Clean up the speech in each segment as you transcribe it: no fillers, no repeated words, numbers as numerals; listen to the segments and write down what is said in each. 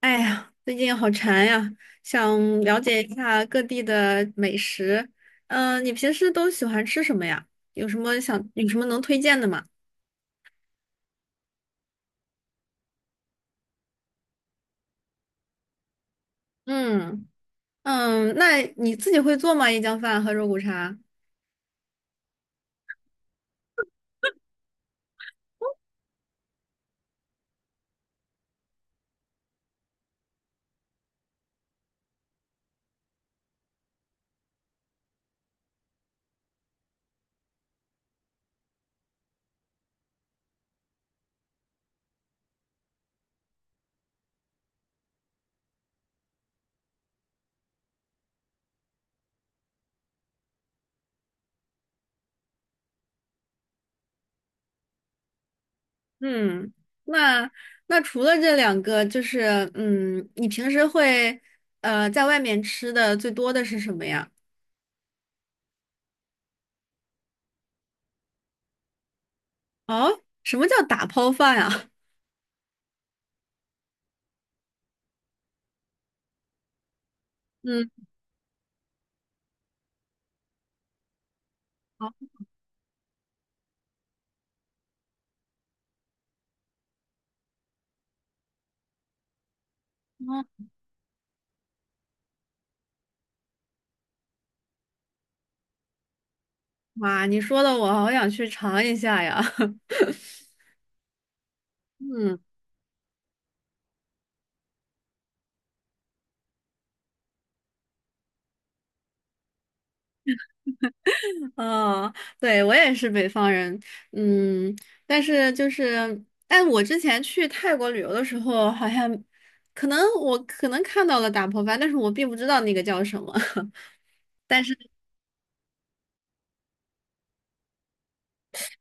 哎呀，最近好馋呀，想了解一下各地的美食。你平时都喜欢吃什么呀？有什么能推荐的吗？嗯嗯，那你自己会做吗？椰浆饭和肉骨茶？嗯，那那除了这两个，就是你平时会在外面吃的最多的是什么呀？哦，什么叫打抛饭呀？嗯，好哦，哇，你说的我好想去尝一下呀。嗯。哦，对，我也是北方人，嗯，但是就是，哎，我之前去泰国旅游的时候，好像可能看到了打破饭，但是我并不知道那个叫什么。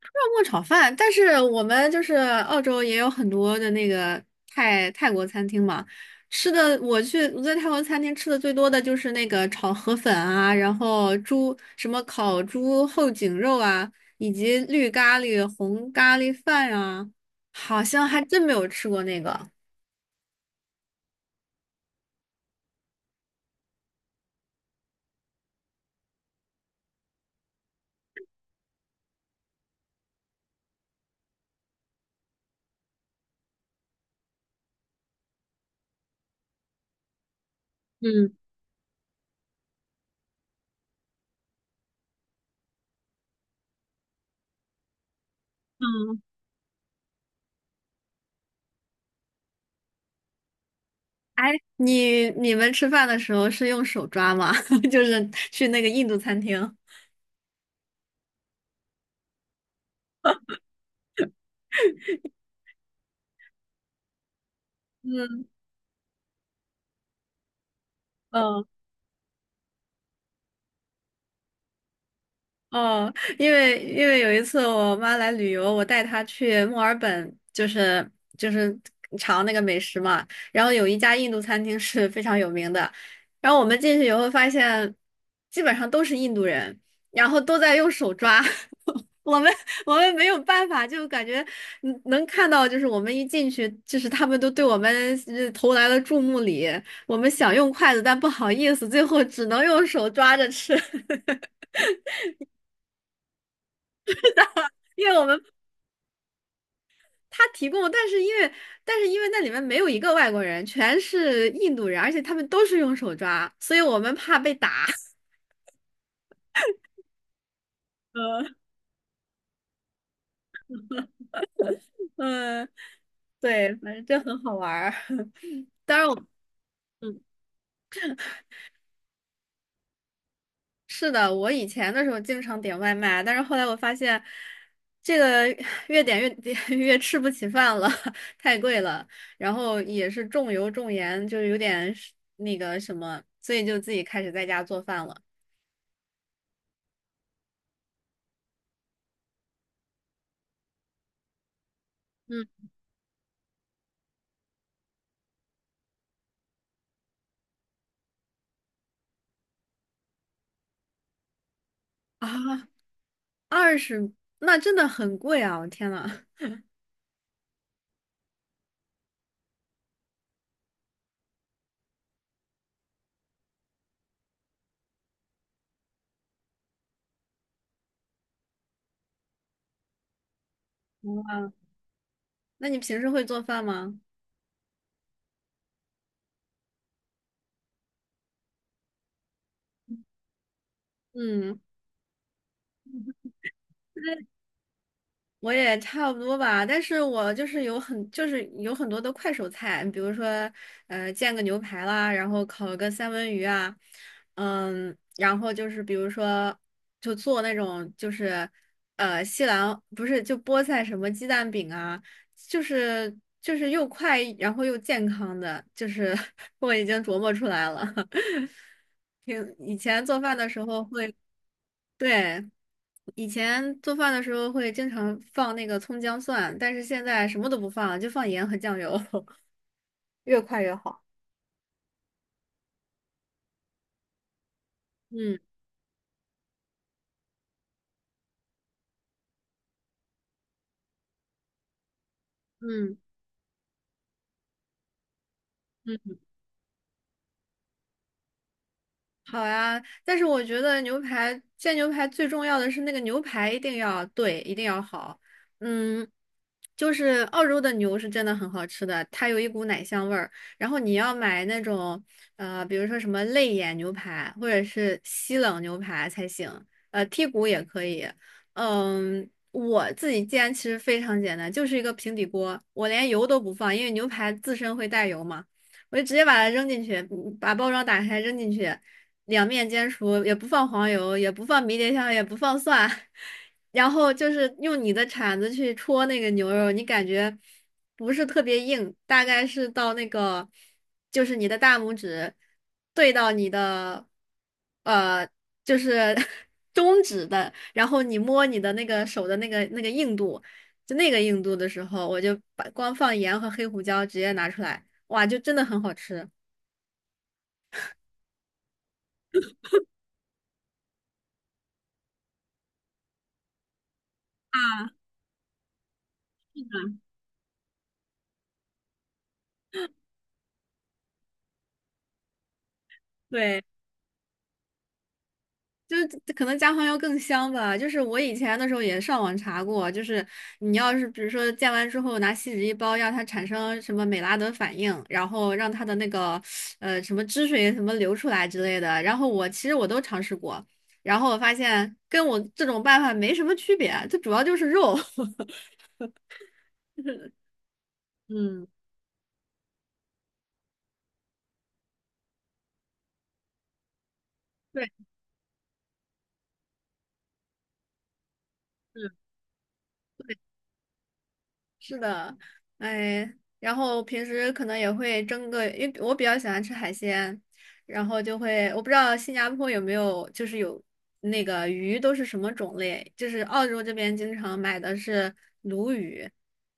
泡沫炒饭，但是我们就是澳洲也有很多的那个泰国餐厅嘛，吃的我去我在泰国餐厅吃的最多的就是那个炒河粉啊，然后猪什么烤猪后颈肉啊，以及绿咖喱、红咖喱饭啊，好像还真没有吃过那个。嗯嗯，哎，你们吃饭的时候是用手抓吗？就是去那个印度餐厅。嗯嗯。哦，因为有一次我妈来旅游，我带她去墨尔本，就是尝那个美食嘛。然后有一家印度餐厅是非常有名的，然后我们进去以后发现，基本上都是印度人，然后都在用手抓。我们我们没有办法，就感觉能看到，就是我们一进去，就是他们都对我们投来了注目礼。我们想用筷子，但不好意思，最后只能用手抓着吃。因为我们他提供，但是因为那里面没有一个外国人，全是印度人，而且他们都是用手抓，所以我们怕被打。嗯嗯，对，反正这很好玩儿。当然我，嗯，是的，我以前的时候经常点外卖，但是后来我发现，这个越点越点 越吃不起饭了，太贵了，然后也是重油重盐，就是有点那个什么，所以就自己开始在家做饭了。嗯啊。20，那真的很贵啊！我天呐，哇，那你平时会做饭吗？嗯，我也差不多吧，但是我就是有很多的快手菜，比如说煎个牛排啦，然后烤个三文鱼啊，然后就是比如说就做那种就是呃西兰不是就菠菜什么鸡蛋饼啊，就是又快然后又健康的，就是 我已经琢磨出来了。挺以前做饭的时候会对。以前做饭的时候会经常放那个葱姜蒜，但是现在什么都不放了就放盐和酱油，越快越好。嗯嗯嗯。好呀，但是我觉得煎牛排最重要的是那个牛排一定要对，一定要好。嗯，就是澳洲的牛是真的很好吃的，它有一股奶香味儿。然后你要买那种比如说什么肋眼牛排或者是西冷牛排才行，剔骨也可以。嗯，我自己煎其实非常简单，就是一个平底锅，我连油都不放，因为牛排自身会带油嘛。我就直接把它扔进去，把包装打开扔进去，两面煎熟，也不放黄油，也不放迷迭香，也不放蒜，然后就是用你的铲子去戳那个牛肉，你感觉不是特别硬，大概是到那个就是你的大拇指对到你的呃就是 中指的，然后你摸你的那个手的那个硬度，就那个硬度的时候，我就把光放盐和黑胡椒直接拿出来，哇，就真的很好吃。啊，对。就是可能加黄油更香吧。就是我以前的时候也上网查过，就是你要是比如说煎完之后拿锡纸一包，让它产生什么美拉德反应，然后让它的那个什么汁水什么流出来之类的。然后我其实我都尝试过，然后我发现跟我这种办法没什么区别，它主要就是肉。嗯，对。是的，哎，然后平时可能也会蒸个，因为我比较喜欢吃海鲜，然后就会，我不知道新加坡有没有，就是有那个鱼都是什么种类，就是澳洲这边经常买的是鲈鱼，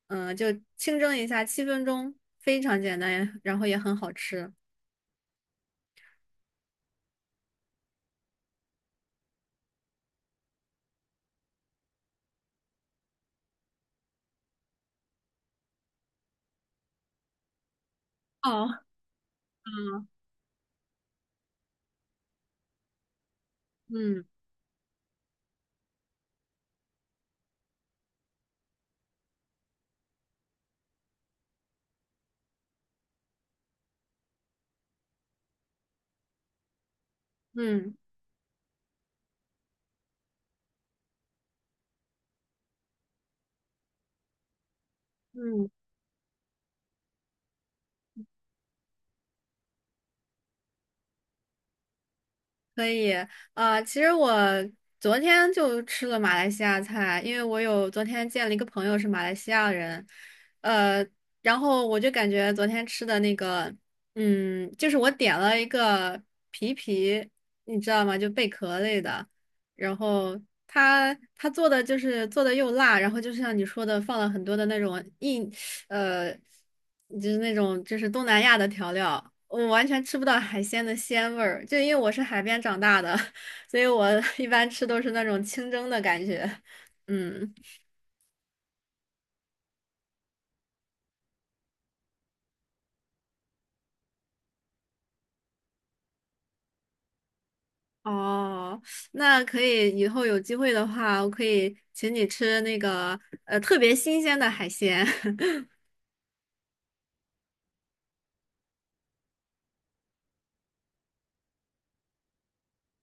就清蒸一下，7分钟，非常简单，然后也很好吃。哦，嗯嗯嗯。嗯可以，啊，其实我昨天就吃了马来西亚菜，因为我有昨天见了一个朋友是马来西亚人，呃，然后我就感觉昨天吃的那个，就是我点了一个皮皮，你知道吗？就贝壳类的，然后他做的就是做的又辣，然后就像你说的，放了很多的那种硬。呃，就是那种就是东南亚的调料，我完全吃不到海鲜的鲜味儿。就因为我是海边长大的，所以我一般吃都是那种清蒸的感觉。嗯，哦，那可以，以后有机会的话，我可以请你吃那个特别新鲜的海鲜。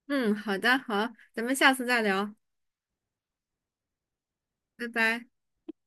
嗯，好的，好，咱们下次再聊，拜拜。